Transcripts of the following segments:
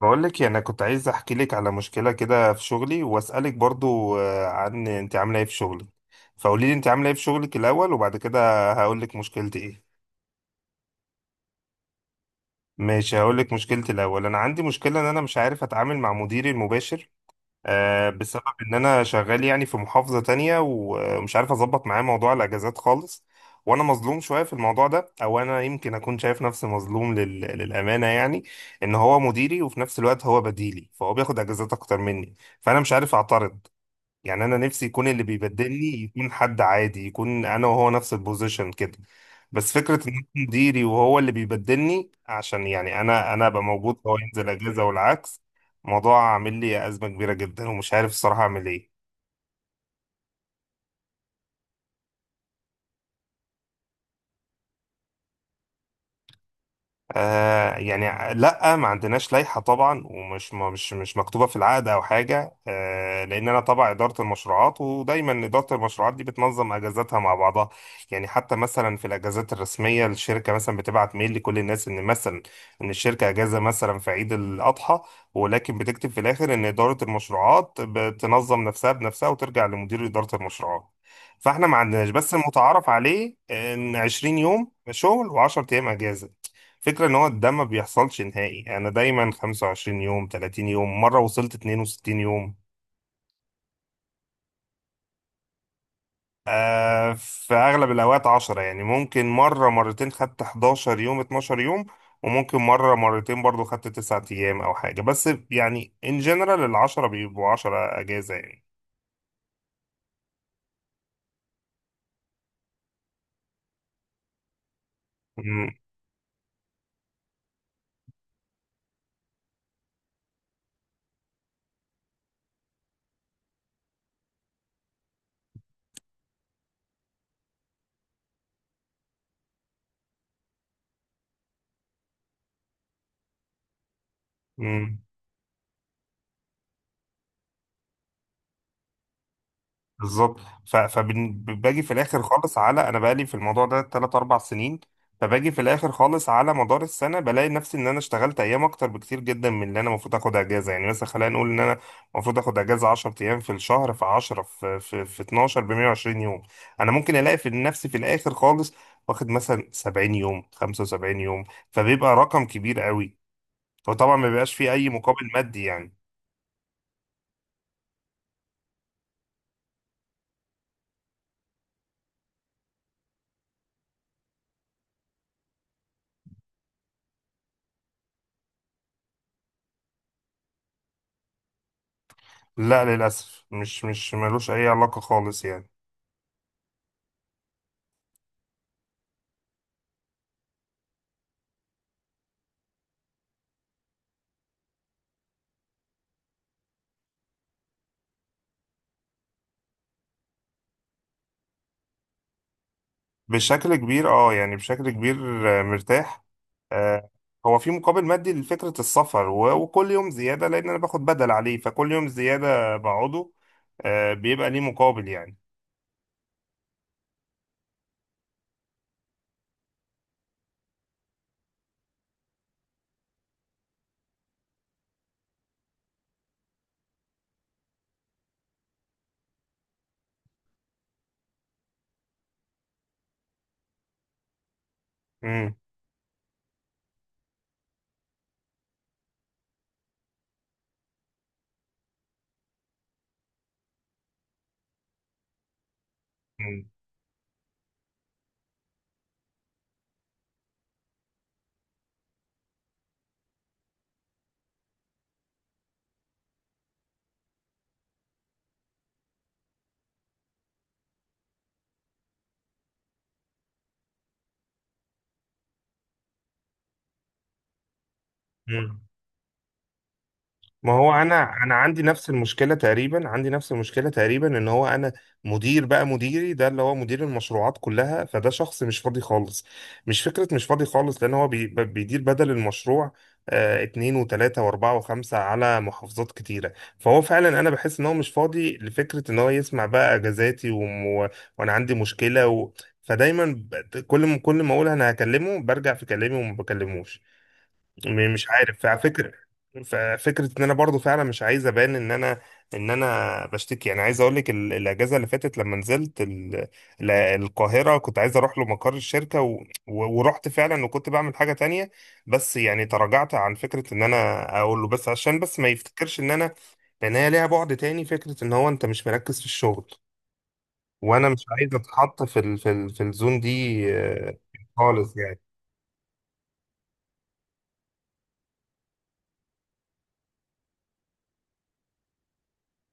بقول لك يعني انا كنت عايز احكي لك على مشكله كده في شغلي واسالك برضو عن انت عامله ايه في شغلك. فقولي لي انت عامله ايه في شغلك الاول، وبعد كده هقول لك مشكلتي ايه. ماشي، هقول لك مشكلتي الاول. انا عندي مشكله ان انا مش عارف اتعامل مع مديري المباشر، بسبب ان انا شغال يعني في محافظة تانية ومش عارف اظبط معاه موضوع الاجازات خالص. وانا مظلوم شوية في الموضوع ده، او انا يمكن اكون شايف نفسي مظلوم للامانة يعني. ان هو مديري وفي نفس الوقت هو بديلي، فهو بياخد اجازات اكتر مني، فانا مش عارف اعترض. يعني انا نفسي يكون اللي بيبدلني يكون حد عادي، يكون انا وهو نفس البوزيشن كده. بس فكره ان يكون مديري وهو اللي بيبدلني، عشان يعني انا ابقى موجود وهو ينزل اجازه والعكس. الموضوع عامل لي ازمه كبيره جدا ومش عارف الصراحه اعمل ايه. آه يعني لا، ما عندناش لائحة طبعا، ومش مش مكتوبة في العقد أو حاجة، آه لأن أنا تبع إدارة المشروعات، ودايما إدارة المشروعات دي بتنظم أجازاتها مع بعضها. يعني حتى مثلا في الأجازات الرسمية الشركة مثلا بتبعت ميل لكل الناس، إن مثلا إن الشركة أجازة مثلا في عيد الأضحى، ولكن بتكتب في الآخر إن إدارة المشروعات بتنظم نفسها بنفسها وترجع لمدير إدارة المشروعات. فإحنا ما عندناش، بس المتعارف عليه إن 20 يوم شغل و10 أيام أجازة. فكرة ان هو ده ما بيحصلش نهائي، انا دايما 25 يوم، 30 يوم، مرة وصلت 62 يوم. آه، في اغلب الاوقات 10، يعني ممكن مرة مرتين خدت 11 يوم، 12 يوم، وممكن مرة مرتين برضو خدت 9 ايام او حاجة، بس يعني ان جنرال ال 10 بيبقوا 10 اجازة يعني. مم. مم. بالظبط. فباجي في الاخر خالص على، انا بقالي في الموضوع ده 3 4 سنين، فباجي في الاخر خالص على مدار السنه بلاقي نفسي ان انا اشتغلت ايام اكتر بكتير جدا من اللي انا المفروض اخد اجازه. يعني مثلا خلينا نقول ان انا المفروض اخد اجازه 10 ايام في الشهر، في 10، في في 12 ب 120 يوم، انا ممكن الاقي في نفسي في الاخر خالص واخد مثلا 70 يوم، 75 يوم. فبيبقى رقم كبير قوي، فطبعا ما بيبقاش فيه اي مقابل مادي يعني. لا، للاسف مش ملوش اي علاقه خالص يعني. بشكل كبير اه، يعني بشكل كبير. مرتاح. آه، هو في مقابل مادي لفكرة السفر وكل يوم زيادة، لأن أنا باخد بدل عليه، فكل يوم زيادة بقعده بيبقى ليه مقابل يعني. مم. مم. ما هو انا عندي نفس المشكله تقريبا، عندي نفس المشكله تقريبا. ان هو انا مدير، بقى مديري ده اللي هو مدير المشروعات كلها، فده شخص مش فاضي خالص، مش فكره، مش فاضي خالص، لان هو بيدير بدل المشروع. آه، اتنين وتلاته واربعه وخمسه على محافظات كتيره. فهو فعلا انا بحس ان هو مش فاضي لفكره ان هو يسمع بقى اجازاتي وانا عندي مشكله فدايما كل ما اقول انا هكلمه برجع في كلامي وما بكلموش. مش عارف، فعلى فكرة. ففكرة ان انا برضو فعلا مش عايز ابان ان انا، ان انا بشتكي. يعني عايز اقول لك الاجازة اللي فاتت لما نزلت القاهرة، كنت عايز اروح له مقر الشركة ورحت فعلا، وكنت بعمل حاجة تانية بس. يعني تراجعت عن فكرة ان انا اقول له، بس عشان بس ما يفتكرش ان انا، لان هي ليها بعد تاني، فكرة ان هو انت مش مركز في الشغل، وانا مش عايز اتحط في في الزون دي خالص يعني.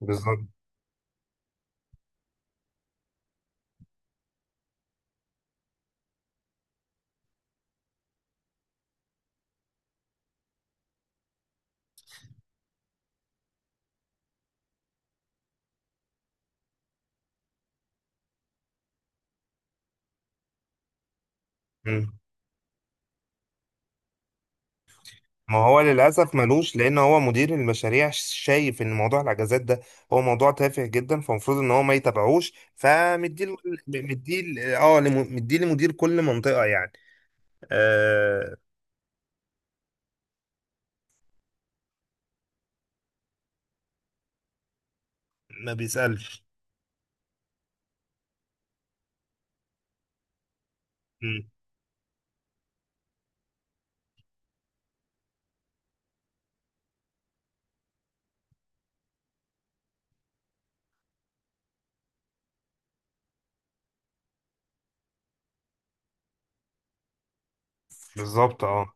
بالظبط. ما هو للأسف ملوش، لأن هو مدير المشاريع شايف إن موضوع الأجازات ده هو موضوع تافه جدا، فالمفروض إن هو ما يتابعوش، فمديه ل- مديه ل- اه لم- مديه لمدير كل منطقة يعني. آه. ما بيسألش. مم. بالظبط اه.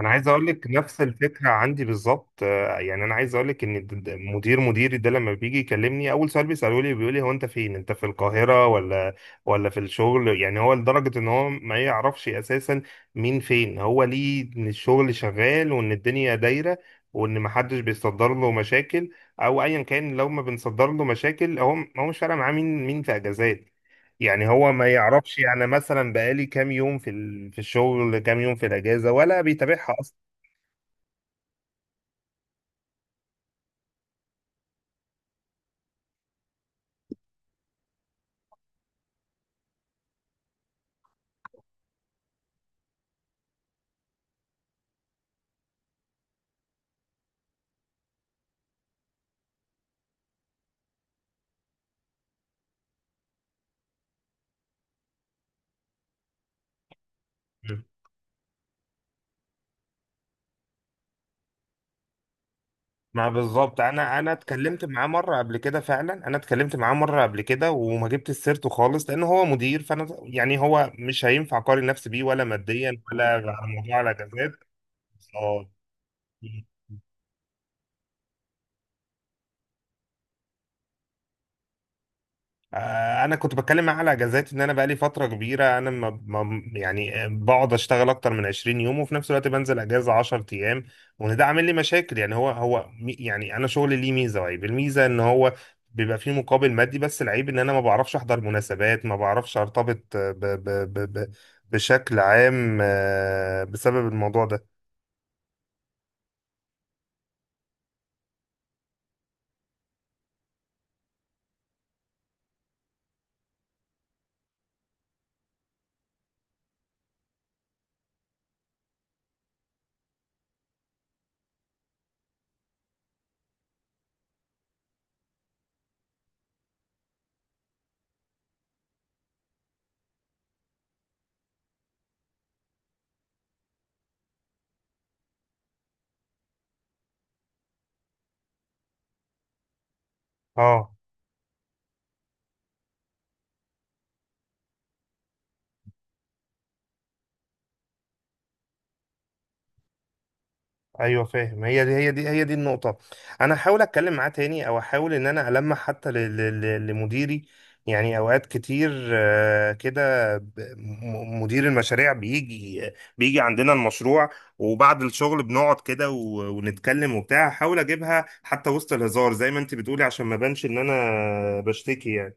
انا عايز اقول لك نفس الفكره عندي بالظبط. يعني انا عايز اقول لك ان مدير مديري ده لما بيجي يكلمني اول سؤال بيساله لي بيقول لي، هو انت فين، انت في القاهره ولا ولا في الشغل؟ يعني هو لدرجه ان هو ما يعرفش اساسا مين فين، هو ليه ان الشغل شغال وان الدنيا دايره وان ما حدش بيصدر له مشاكل. او ايا كان، لو ما بنصدر له مشاكل، هو مش فارق معاه مين في اجازات. يعني هو ما يعرفش يعني مثلا بقالي كام يوم في في الشغل، كام يوم في الاجازه، ولا بيتابعها. مم. ما بالظبط، انا اتكلمت معاه مره قبل كده، فعلا انا اتكلمت معاه مره قبل كده وما جبت سيرته خالص، لان هو مدير، فانا يعني هو مش هينفع اقارن نفسي بيه، ولا ماديا ولا على موضوع الاجازات. بالظبط. انا كنت بتكلم معاه على اجازات ان انا بقالي فتره كبيره انا، يعني بقعد اشتغل اكتر من 20 يوم، وفي نفس الوقت بنزل اجازه 10 ايام، وان ده عامل لي مشاكل. يعني هو يعني انا شغلي ليه ميزه وعيب. الميزه ان هو بيبقى فيه مقابل مادي، بس العيب ان انا ما بعرفش احضر مناسبات، ما بعرفش ارتبط آه، ب ب ب ب بشكل عام بسبب الموضوع ده. اه، ايوه فاهم. هي دي النقطه. انا احاول اتكلم معاه تاني، او احاول ان انا المح حتى لمديري. يعني اوقات كتير كده مدير المشاريع بيجي عندنا المشروع، وبعد الشغل بنقعد كده ونتكلم وبتاع، احاول اجيبها حتى وسط الهزار زي ما انت بتقولي، عشان ما بانش ان انا بشتكي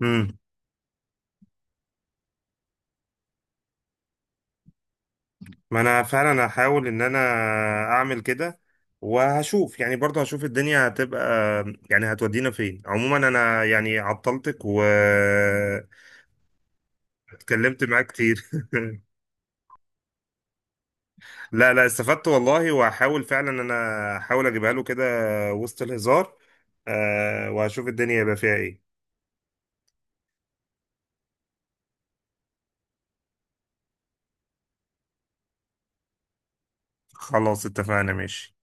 يعني. ما انا فعلا هحاول ان انا اعمل كده وهشوف يعني، برضه هشوف الدنيا هتبقى، يعني هتودينا فين. عموما انا يعني عطلتك واتكلمت معاك كتير. لا لا، استفدت والله. وهحاول فعلا ان انا احاول اجيبها له كده وسط الهزار، وهشوف الدنيا يبقى فيها ايه. خلاص، اتفقنا ماشي.